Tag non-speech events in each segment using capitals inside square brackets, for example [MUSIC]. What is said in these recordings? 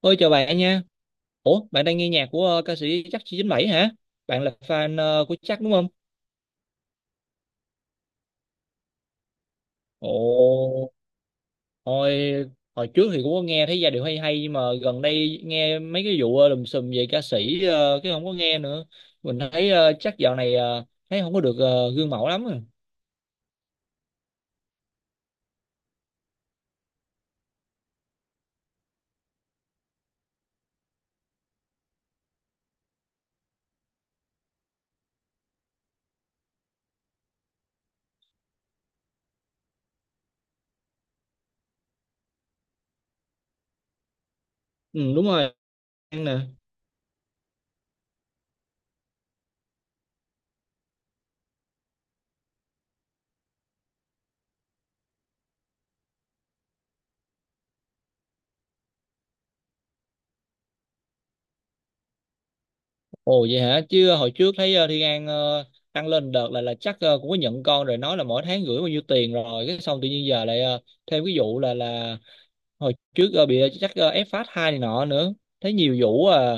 Ôi chào bạn nha. Ủa, bạn đang nghe nhạc của ca sĩ Chắc 97 hả? Bạn là fan của Chắc đúng không? Ồ, hồi hồi trước thì cũng có nghe thấy giai điệu hay hay, nhưng mà gần đây nghe mấy cái vụ lùm xùm về ca sĩ, cái không có nghe nữa. Mình thấy Chắc dạo này thấy không có được gương mẫu lắm. À. Ừ đúng rồi, An nè. Ồ vậy hả? Chứ hồi trước thấy Thiên An tăng lên đợt là chắc cũng có nhận con rồi, nói là mỗi tháng gửi bao nhiêu tiền, rồi cái xong tự nhiên giờ lại thêm cái vụ là hồi trước bị chắc ép phát hai này nọ nữa, thấy nhiều vụ à.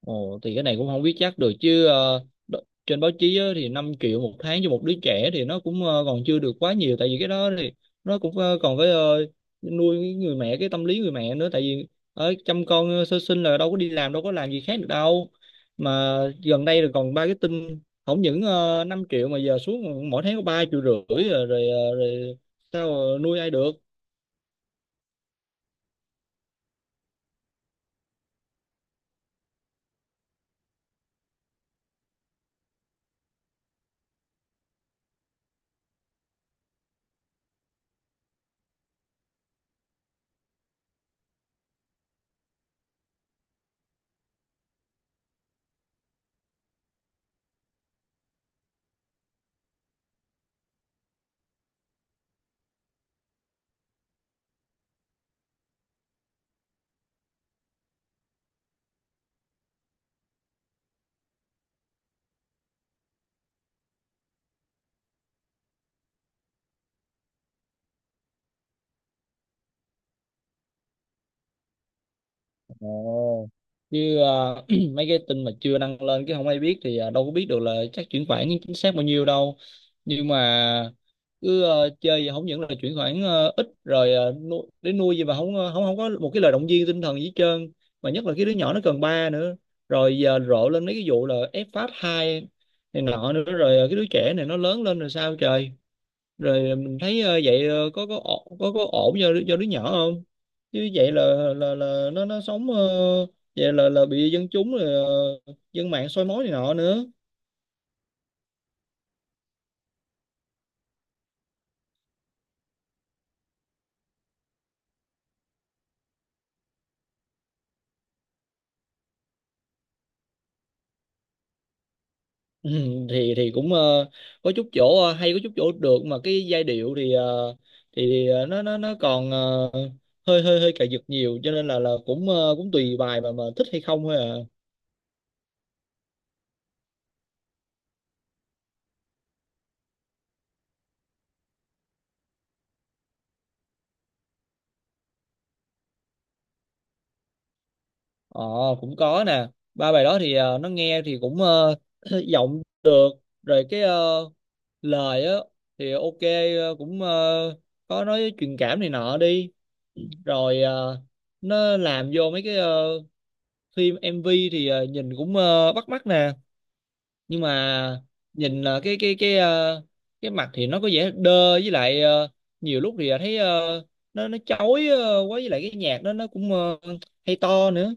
Ồ thì cái này cũng không biết chắc được, chứ trên báo chí á, thì 5 triệu một tháng cho một đứa trẻ thì nó cũng còn chưa được quá nhiều, tại vì cái đó thì nó cũng còn phải nuôi cái người mẹ, cái tâm lý người mẹ nữa, tại vì ở chăm con sơ sinh là đâu có đi làm, đâu có làm gì khác được đâu. Mà gần đây là còn ba cái tin không những 5 triệu mà giờ xuống mỗi tháng có 3,5 triệu rồi, rồi sao nuôi ai được. Ồ. Chứ [CLEARS THROAT] mấy cái tin mà chưa đăng lên cái không ai biết thì đâu có biết được là chắc chuyển khoản chính xác bao nhiêu đâu. Nhưng mà cứ chơi vậy, không những là chuyển khoản ít rồi ờ, nu để nuôi gì mà không ờ, không không có một cái lời động viên tinh thần gì hết trơn. Mà nhất là cái đứa nhỏ nó cần ba nữa. Rồi giờ rộ lên mấy cái vụ là ép phát hai này nọ nữa, rồi cái đứa trẻ này nó lớn lên rồi sao trời. Rồi mình thấy vậy có ổn, có ổn cho cho đứa nhỏ không, chứ vậy là nó sống vậy là bị dân chúng rồi dân mạng soi mói này nọ nữa. Ừ, thì cũng có chút chỗ hay, có chút chỗ được, mà cái giai điệu thì nó còn hơi hơi hơi cài giật nhiều, cho nên là cũng cũng tùy bài mà thích hay không thôi à. Ờ cũng có nè, ba bài đó thì nó nghe thì cũng [CLEARS THROAT] giọng được, rồi cái lời á thì ok, cũng có nói truyền cảm này nọ đi, rồi nó làm vô mấy cái phim MV thì nhìn cũng bắt mắt nè. Nhưng mà nhìn cái mặt thì nó có vẻ đơ, với lại nhiều lúc thì thấy nó chói quá, với lại cái nhạc đó nó cũng hay to nữa.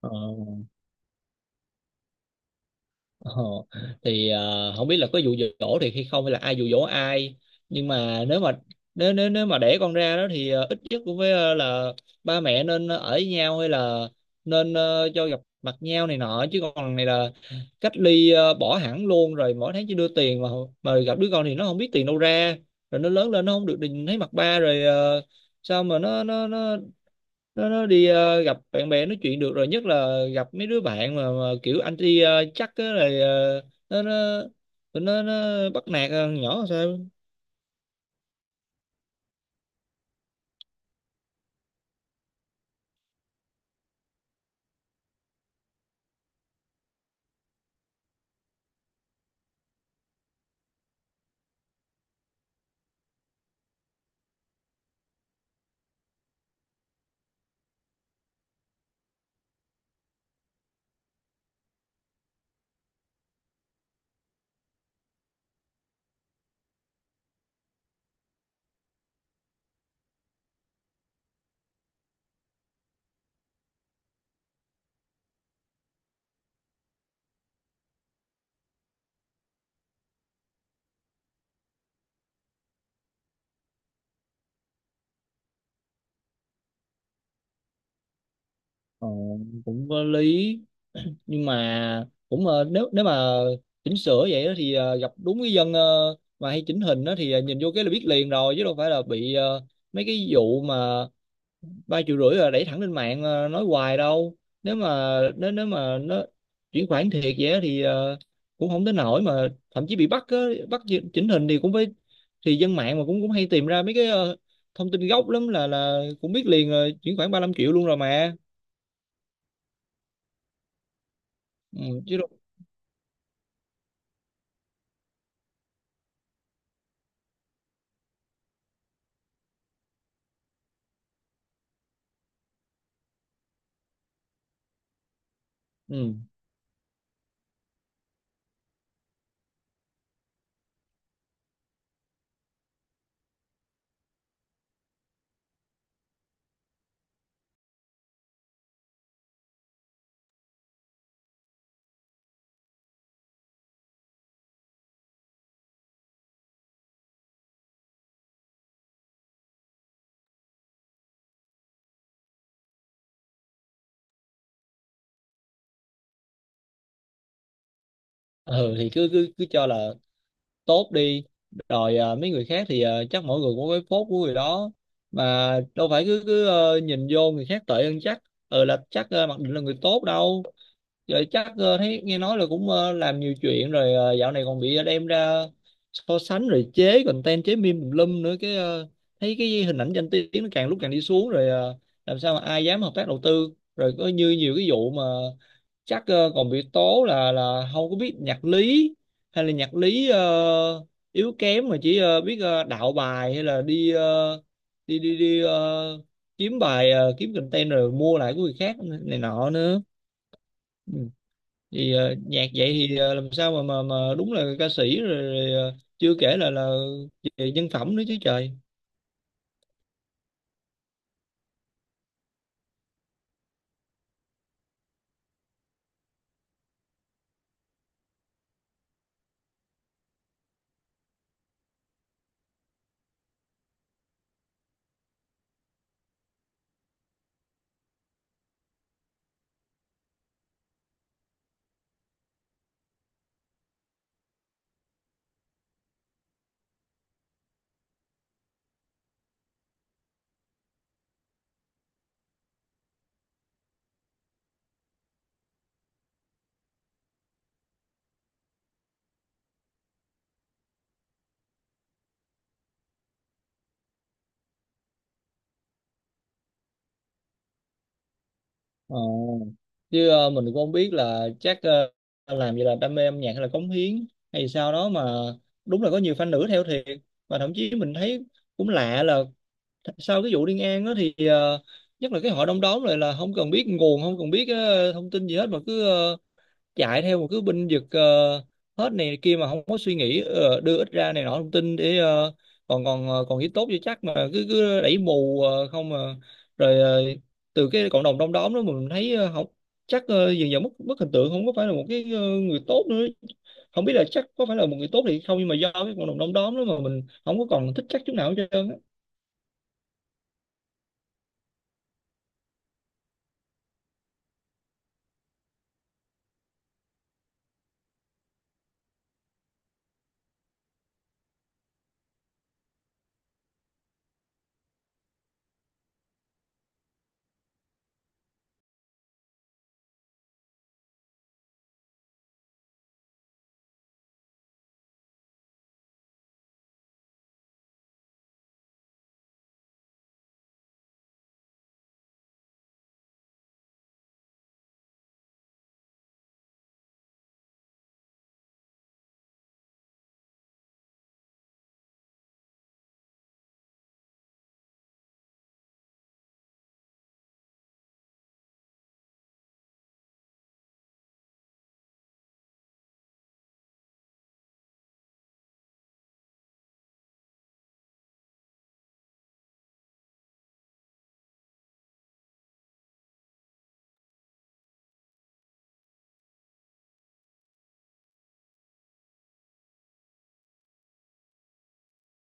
Ờ. Ờ, thì không biết là có dụ dỗ thì hay không, hay là ai dụ dỗ ai, nhưng mà nếu nếu nếu mà đẻ con ra đó thì ít nhất cũng phải là ba mẹ nên ở với nhau, hay là nên cho gặp mặt nhau này nọ, chứ còn này là cách ly, bỏ hẳn luôn, rồi mỗi tháng chỉ đưa tiền mà gặp đứa con thì nó không biết tiền đâu ra, rồi nó lớn lên nó không được nhìn thấy mặt ba, rồi sao mà nó đi gặp bạn bè nói chuyện được, rồi nhất là gặp mấy đứa bạn mà kiểu anti chắc á, rồi nó tụi nó bắt nạt nhỏ làm sao. Ờ, cũng có lý, nhưng mà cũng nếu nếu mà chỉnh sửa vậy đó thì gặp đúng cái dân mà hay chỉnh hình đó thì nhìn vô cái là biết liền rồi, chứ đâu phải là bị mấy cái vụ mà ba triệu rưỡi là đẩy thẳng lên mạng nói hoài đâu. Nếu mà nếu nếu mà nó chuyển khoản thiệt vậy á thì cũng không tới nổi mà thậm chí bị bắt á, bắt chỉnh hình thì cũng phải, thì dân mạng mà cũng cũng hay tìm ra mấy cái thông tin gốc lắm, là cũng biết liền chuyển khoản 35 triệu luôn rồi mà. Ừ, chứ đâu. Ừ. Ừ thì cứ cứ cứ cho là tốt đi, rồi mấy người khác thì chắc mỗi người có cái phốt của người đó, mà đâu phải cứ cứ nhìn vô người khác tệ hơn chắc. Ừ là chắc mặc định là người tốt đâu. Giờ chắc thấy nghe nói là cũng làm nhiều chuyện rồi, dạo này còn bị đem ra so sánh, rồi chế content, chế meme tùm lum nữa, cái thấy cái hình ảnh danh tiếng nó càng lúc càng đi xuống, rồi làm sao mà ai dám hợp tác đầu tư. Rồi có như nhiều cái vụ mà chắc còn bị tố là không có biết nhạc lý, hay là nhạc lý yếu kém, mà chỉ biết đạo bài, hay là đi đi đi đi ờ, kiếm bài kiếm content, rồi mua lại của người khác này nọ nữa. Ừ thì nhạc vậy thì làm sao mà mà đúng là ca sĩ, rồi chưa kể là về nhân phẩm nữa chứ trời. Ờ. Chứ mình cũng không biết là chắc làm vậy là đam mê âm nhạc hay là cống hiến hay sao đó, mà đúng là có nhiều fan nữ theo thiệt, và thậm chí mình thấy cũng lạ là sau cái vụ Liên An đó thì nhất là cái hội đông đóm lại là không cần biết nguồn, không cần biết thông tin gì hết, mà cứ chạy theo một cái binh vực hết này kia, mà không có suy nghĩ đưa ít ra này nọ thông tin để còn còn ờ, còn nghĩ tốt cho chắc, mà cứ cứ đẩy mù không mà. Rồi từ cái cộng đồng đông đóm đó mình thấy không chắc dần dần mất mất hình tượng, không có phải là một cái người tốt nữa. Không biết là chắc có phải là một người tốt thì không, nhưng mà do cái cộng đồng đông đóm đó mà mình không có còn thích chắc chút nào hết trơn á.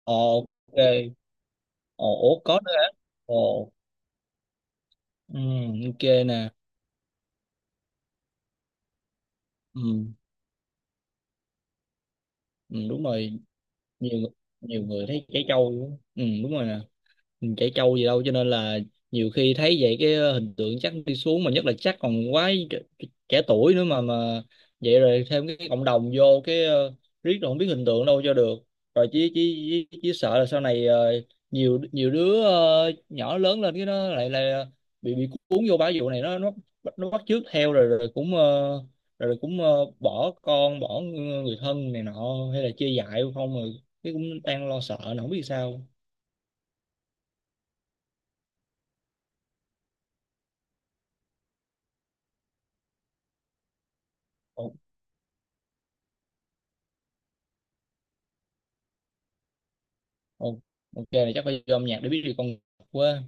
Ồ, ok. Ồ ủa, có nữa hả? Ồ. Ừ, ok nè. Ừ, ừ, đúng rồi, nhiều người- nhiều người thấy trẻ trâu luôn. Ừ, đúng rồi nè, mình chảy trâu gì đâu, cho nên là nhiều khi thấy vậy cái hình tượng chắc đi xuống, mà nhất là chắc còn quá trẻ tuổi nữa mà vậy, rồi thêm cái cộng đồng vô cái riết rồi không biết hình tượng đâu cho được. Rồi chỉ sợ là sau này nhiều nhiều đứa nhỏ lớn lên cái nó lại là bị cuốn vô bãi vụ này, nó bắt chước theo, rồi rồi cũng bỏ con, bỏ người thân này nọ, hay là chia dại không rồi, cái cũng đang lo sợ nó không biết sao. Ok là chắc phải vô âm nhạc để biết được con quá.